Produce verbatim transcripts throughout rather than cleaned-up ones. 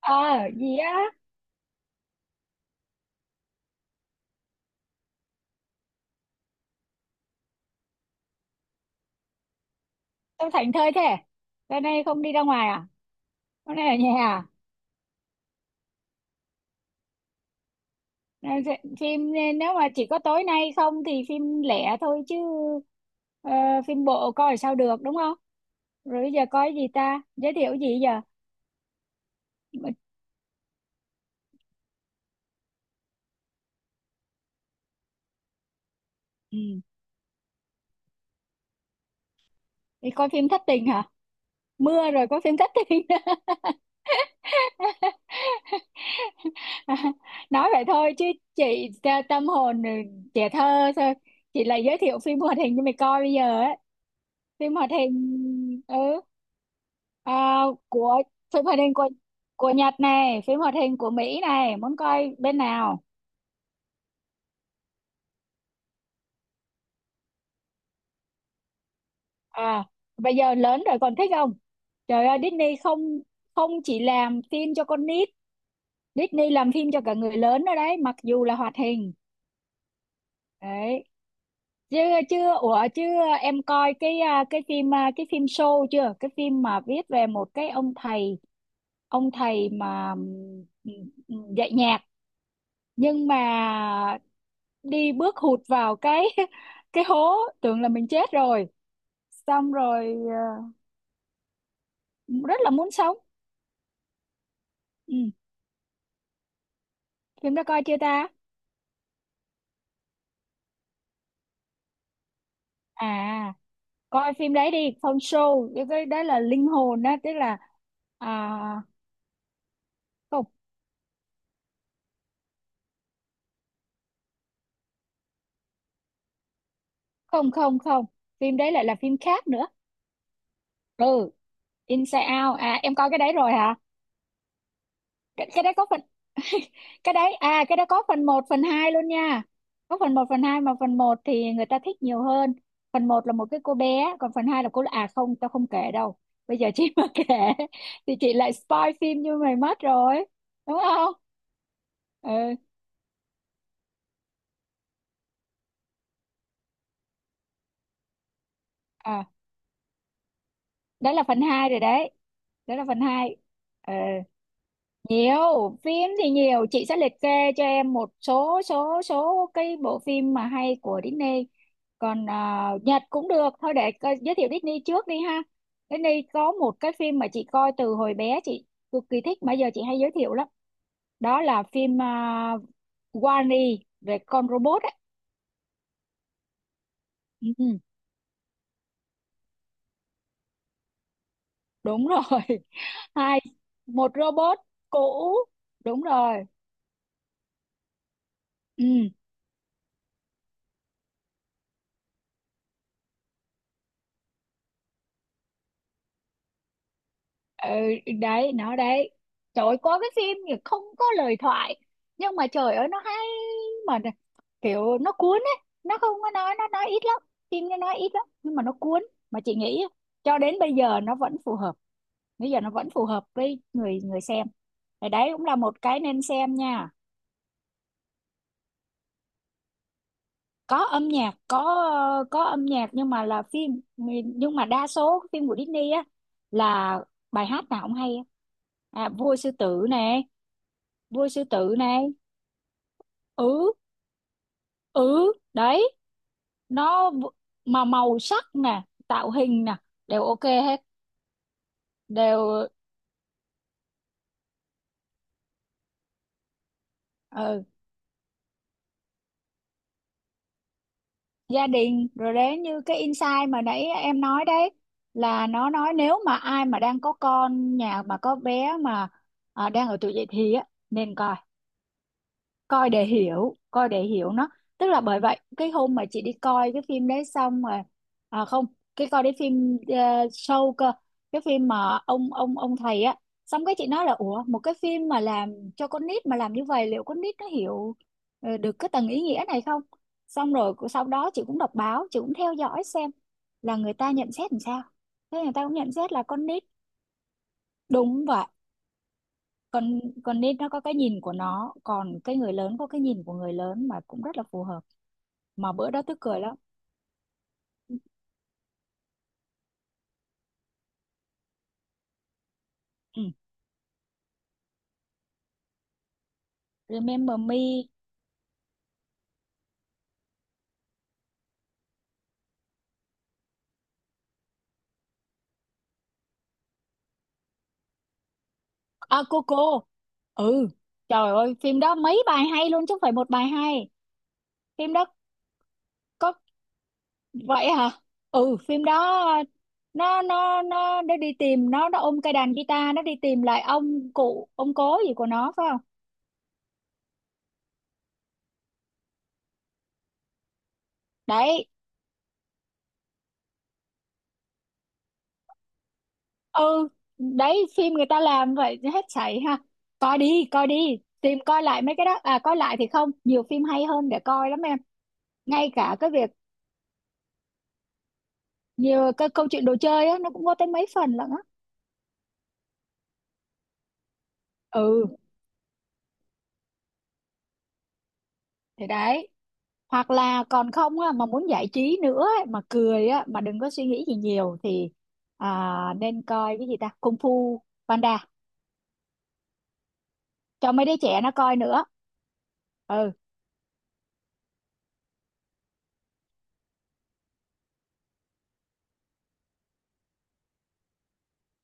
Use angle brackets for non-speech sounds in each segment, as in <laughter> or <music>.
Ờ. Gì á? Sao thảnh thơi thế? Hôm nay không đi ra ngoài à? Hôm nay ở nhà à? Nên sẽ- phim nên nếu mà chỉ có tối nay không thì phim lẻ thôi chứ. ờ, Phim bộ coi sao được, đúng không? Rồi bây giờ coi gì ta, giới thiệu gì giờ? Mà- ừ. Đi coi phim thất tình hả? Mưa rồi có phim thất tình. <laughs> <laughs> Nói vậy thôi chứ, chị ta- tâm hồn ừ, trẻ thơ thôi. Chị lại giới thiệu phim hoạt hình cho mày coi bây giờ ấy. Phim hoạt hình. Ừ. À, của phim hoạt hình của của Nhật này, phim hoạt hình của Mỹ này, muốn coi bên nào? À, bây giờ lớn rồi còn thích không? Trời ơi, Disney không không chỉ làm phim cho con nít, Disney làm phim cho cả người lớn nữa đấy, mặc dù là hoạt hình. Đấy. Chưa chưa ủa chưa em coi cái à, cái phim à, cái phim show chưa? Cái phim mà viết về một cái ông thầy, ông thầy mà ừm, dạy nhạc, nhưng mà đi bước hụt vào cái <laughs> cái hố, tưởng là mình chết rồi, xong rồi ờ, rất là muốn sống. Ừ. Phim đó coi chưa ta? À, coi phim đấy đi, Phong show, cái cái đó là linh hồn đó, tức là à, không, không, không. Không, phim đấy lại là phim khác nữa. Ừ. Inside Out à, em coi cái đấy rồi hả? Cái, cái đấy có phần <laughs> cái đấy à, cái đấy có phần một phần hai luôn nha. Có phần một phần hai, mà phần một thì người ta thích nhiều hơn. Phần một là một cái cô bé, còn phần hai là cô, à không, tao không kể đâu. Bây giờ chị <laughs> mà kể thì chị lại spoil phim như mày mất rồi, đúng không? Ừ. À, đó là phần hai rồi đấy. Đó là phần hai. Ừ. Nhiều phim thì nhiều, chị sẽ liệt kê cho em một số số số cái bộ phim mà hay của Disney. Còn à, Nhật cũng được thôi, để coi- giới thiệu Disney trước đi ha. Disney có một cái phim mà chị coi từ hồi bé, chị cực kỳ thích mà giờ chị hay giới thiệu lắm. Đó là phim uh, Wall-E, về con robot ấy. Ừ, ừ, đúng rồi. <laughs> Hai một robot cũ. Đúng rồi. Ừ. Ừ, đấy nó đấy. Trời ơi, có cái phim thì không có lời thoại, nhưng mà trời ơi nó hay. Mà nè, kiểu nó cuốn ấy, nó không có nói, nó nói ít lắm. Phim nó nói ít lắm nhưng mà nó cuốn. Mà chị nghĩ cho đến bây giờ nó vẫn phù hợp, bây giờ nó vẫn phù hợp với người người xem. Thì đấy cũng là một cái nên xem nha. Có âm nhạc có. Ờ, có âm nhạc nhưng mà là phim. Nhưng mà đa số phim của Disney á là bài hát nào cũng hay á. À, Vua Sư Tử nè, đuôi sư tử này. Ừ. Ừ đấy. nó v- mà màu sắc nè, tạo hình nè, đều ok hết, đều. ờ, Gia đình, rồi đến như cái insight mà nãy em nói đấy, là nó nói nếu mà ai mà đang có con, nhà mà có bé mà à, đang ở tuổi dậy thì á, nên coi, coi để hiểu coi để hiểu nó. Tức là bởi vậy cái hôm mà chị đi coi cái phim đấy xong mà, à không, cái coi cái phim ờ, show cơ, cái phim mà ông ông ông thầy á. Xong cái chị nói là ủa, một cái phim mà làm cho con nít mà làm như vậy liệu con nít nó hiểu ờ, được cái tầng ý nghĩa này không. Xong rồi sau đó chị cũng đọc báo, chị cũng theo dõi xem là người ta nhận xét làm sao. Thế người ta cũng nhận xét là con nít, đúng vậy. Con con nít nó có cái nhìn của nó, còn cái người lớn có cái nhìn của người lớn mà cũng rất là phù hợp. Mà bữa đó tức cười lắm. Ừ. Remember Me. À, Coco. Ừ. Trời ơi phim đó mấy bài hay luôn chứ không phải một bài hay. Phim đó có. Vậy hả? Ừ. Phim đó nó nó nó nó đi tìm, nó nó ôm cây đàn guitar, nó đi tìm lại ông cụ ông cố gì của nó phải không? Đấy. Ừ. Đấy, phim người ta làm vậy hết sảy ha. Coi đi, coi đi, tìm coi lại mấy cái đó, à coi lại thì không, nhiều phim hay hơn để coi lắm em. Ngay cả cái việc nhiều cái câu chuyện đồ chơi á, nó cũng có tới mấy phần lận á. Ừ, thì đấy. Hoặc là còn không á mà muốn giải trí nữa ấy, mà cười á mà đừng có suy nghĩ gì nhiều thì à, nên coi cái gì ta, Kung Fu Panda, cho mấy đứa trẻ nó coi nữa. Ừ,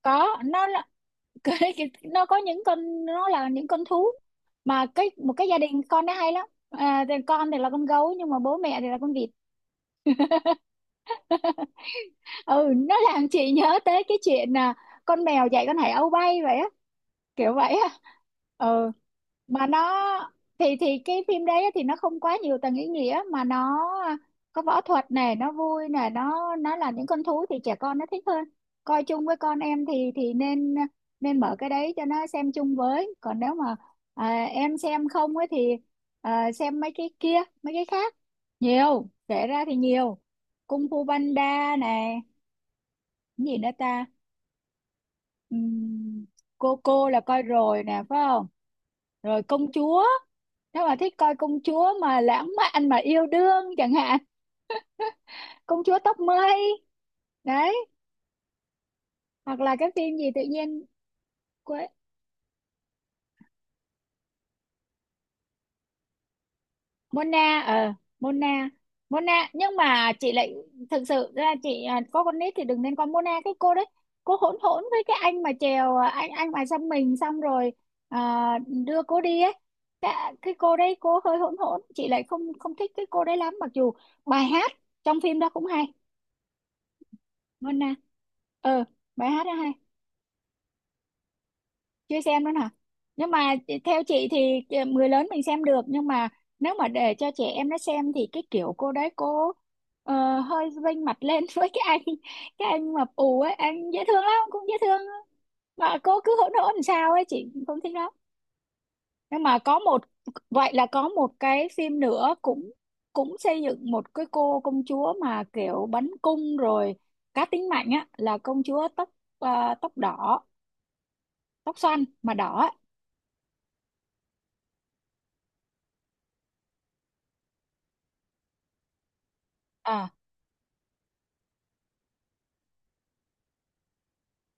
có, nó là <laughs> cái, cái- nó có những con, nó là những con thú mà, cái một cái gia đình con nó hay lắm à, thì con thì là con gấu nhưng mà bố mẹ thì là con vịt. <laughs> Ừ, nó làm chị nhớ tới cái chuyện à, con mèo dạy con hải âu bay vậy á, kiểu vậy á. Ừ, mà nó thì thì cái phim đấy á, thì nó không quá nhiều tầng ý nghĩa mà nó à, có võ thuật này, nó vui này, nó nó là những con thú thì trẻ con nó thích hơn. Coi chung với con em thì thì nên nên mở cái đấy cho nó xem chung với, còn nếu mà à, em xem không ấy thì à, xem mấy cái kia, mấy cái khác. Nhiều kể ra thì nhiều. Kung Fu Panda này, cái gì nữa ta? Ừm, cô cô là coi rồi nè phải không? Rồi công chúa, nếu mà thích coi công chúa mà lãng mạn mà yêu đương chẳng hạn. Công chúa tóc mây đấy. Hoặc là cái phim gì tự nhiên quên, Mona, ờ Mona. Mona, nhưng mà chị lại, thực sự ra chị à, có con nít thì đừng nên con Mona, cái cô đấy. Cô hỗn hỗn với cái anh mà chèo, à anh anh mà xăm mình xong rồi à, đưa cô đi ấy. Cái, cái cô đấy cô hơi hỗn hỗn, chị lại không không thích cái cô đấy lắm, mặc dù bài hát trong phim đó cũng hay. Mona. ờ Bài hát đó hay. Chưa xem nữa hả? Nhưng mà theo chị thì người lớn mình xem được, nhưng mà nếu mà để cho trẻ em nó xem thì cái kiểu cô đấy cô ờ, hơi vênh mặt lên <laughs> với cái anh cái anh mập ù ấy, anh dễ thương lắm, cũng dễ thương. Mà cô cứ hỗn hỗn làm sao ấy, chị không thích lắm. Nhưng mà có một vậy là có một cái phim nữa cũng cũng xây dựng một cái cô công chúa mà kiểu bắn cung rồi, cá tính mạnh á, là công chúa tóc ờ, tóc đỏ, tóc xoăn mà đỏ á. À,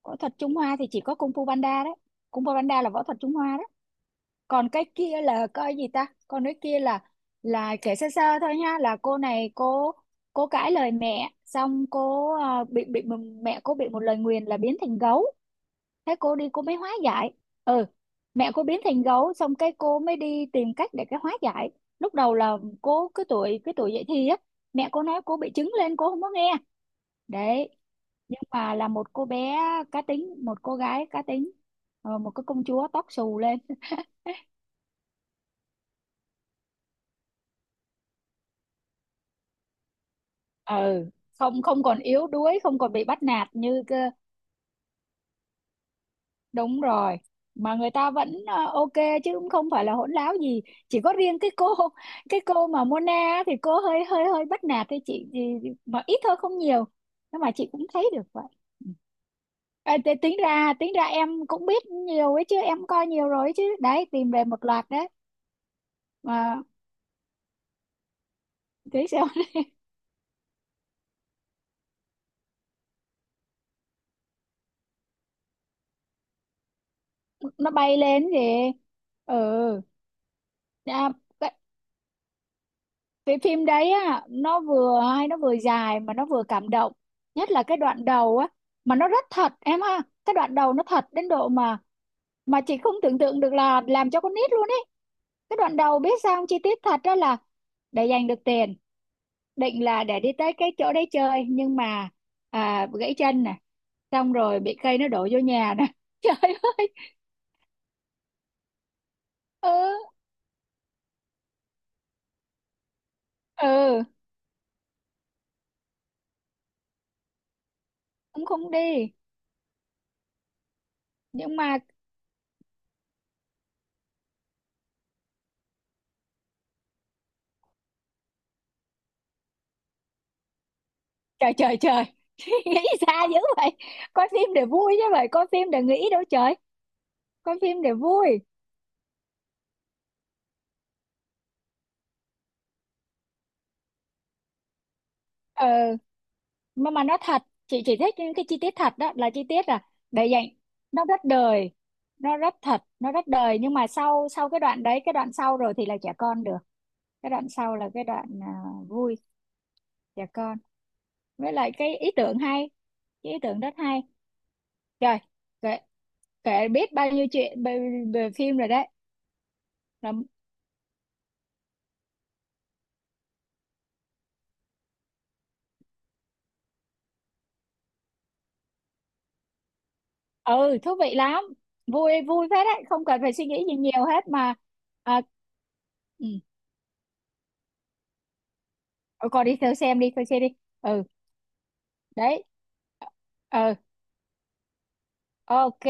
võ thuật Trung Hoa thì chỉ có Kung Fu Panda đấy. Kung Fu Panda là võ thuật Trung Hoa đấy. Còn cái kia là coi gì ta, còn cái kia là là kể sơ sơ thôi nha, là cô này cô cô cãi lời mẹ xong cô à, bị bị mẹ cô bị một lời nguyền là biến thành gấu. Thế cô đi cô mới hóa giải. Ừ. Mẹ cô biến thành gấu xong cái cô mới đi tìm cách để cái hóa giải. Lúc đầu là cô cái tuổi cái tuổi dậy thì á, mẹ cô nói cô bị trứng lên cô không có nghe. Đấy, nhưng mà là một cô bé cá tính, một cô gái cá tính, ờ, một cái công chúa tóc xù lên. Ừ, không không còn yếu đuối, không còn bị bắt nạt như cơ. Đúng rồi, mà người ta vẫn ờ, ok, chứ cũng không phải là hỗn láo gì. Chỉ có riêng cái cô cái cô mà Mona á, thì cô hơi hơi hơi bắt nạt thì chị thì, mà ít thôi không nhiều, nhưng mà chị cũng thấy được vậy. Ừ. Thế tính ra tính ra em cũng biết nhiều ấy chứ, em coi nhiều rồi ấy chứ, đấy tìm về một loạt đấy. Mà thế sao? Nó bay lên kìa. Ừ. À, cái, cái phim đấy á nó vừa hay, nó vừa dài mà nó vừa cảm động. Nhất là cái đoạn đầu á. Mà nó rất thật em ha, cái đoạn đầu nó thật đến độ mà mà chị không tưởng tượng được là làm cho con nít luôn ấy. Cái đoạn đầu biết sao không? Chi tiết thật đó là để giành được tiền, định là để đi tới cái chỗ đấy chơi nhưng mà à, gãy chân nè, xong rồi bị cây nó đổ vô nhà nè <laughs> trời ơi. Ừ, ừ, cũng không đi. Nhưng mà trời trời trời. <laughs> Nghĩ xa dữ vậy, coi phim để vui chứ, vậy coi phim để nghĩ đâu trời, coi phim để vui. Ờ mà mà nó thật, chị chỉ thích những cái chi tiết thật đó là chi tiết, là để dành. Nó rất đời, nó rất thật, nó rất đời, nhưng mà sau sau cái đoạn đấy, cái đoạn sau rồi thì là trẻ con được. Cái đoạn sau là cái đoạn à, vui, trẻ con, với lại cái ý tưởng hay, cái ý tưởng rất hay. Trời, kể kể biết bao nhiêu chuyện về, về phim rồi đấy. Là. Ừ, thú vị lắm, vui vui phết đấy, không cần phải suy nghĩ gì nhiều hết mà. À, ừ. Ừ, còn đi theo xem đi theo xem đi. Ừ, đấy, ừ, ok.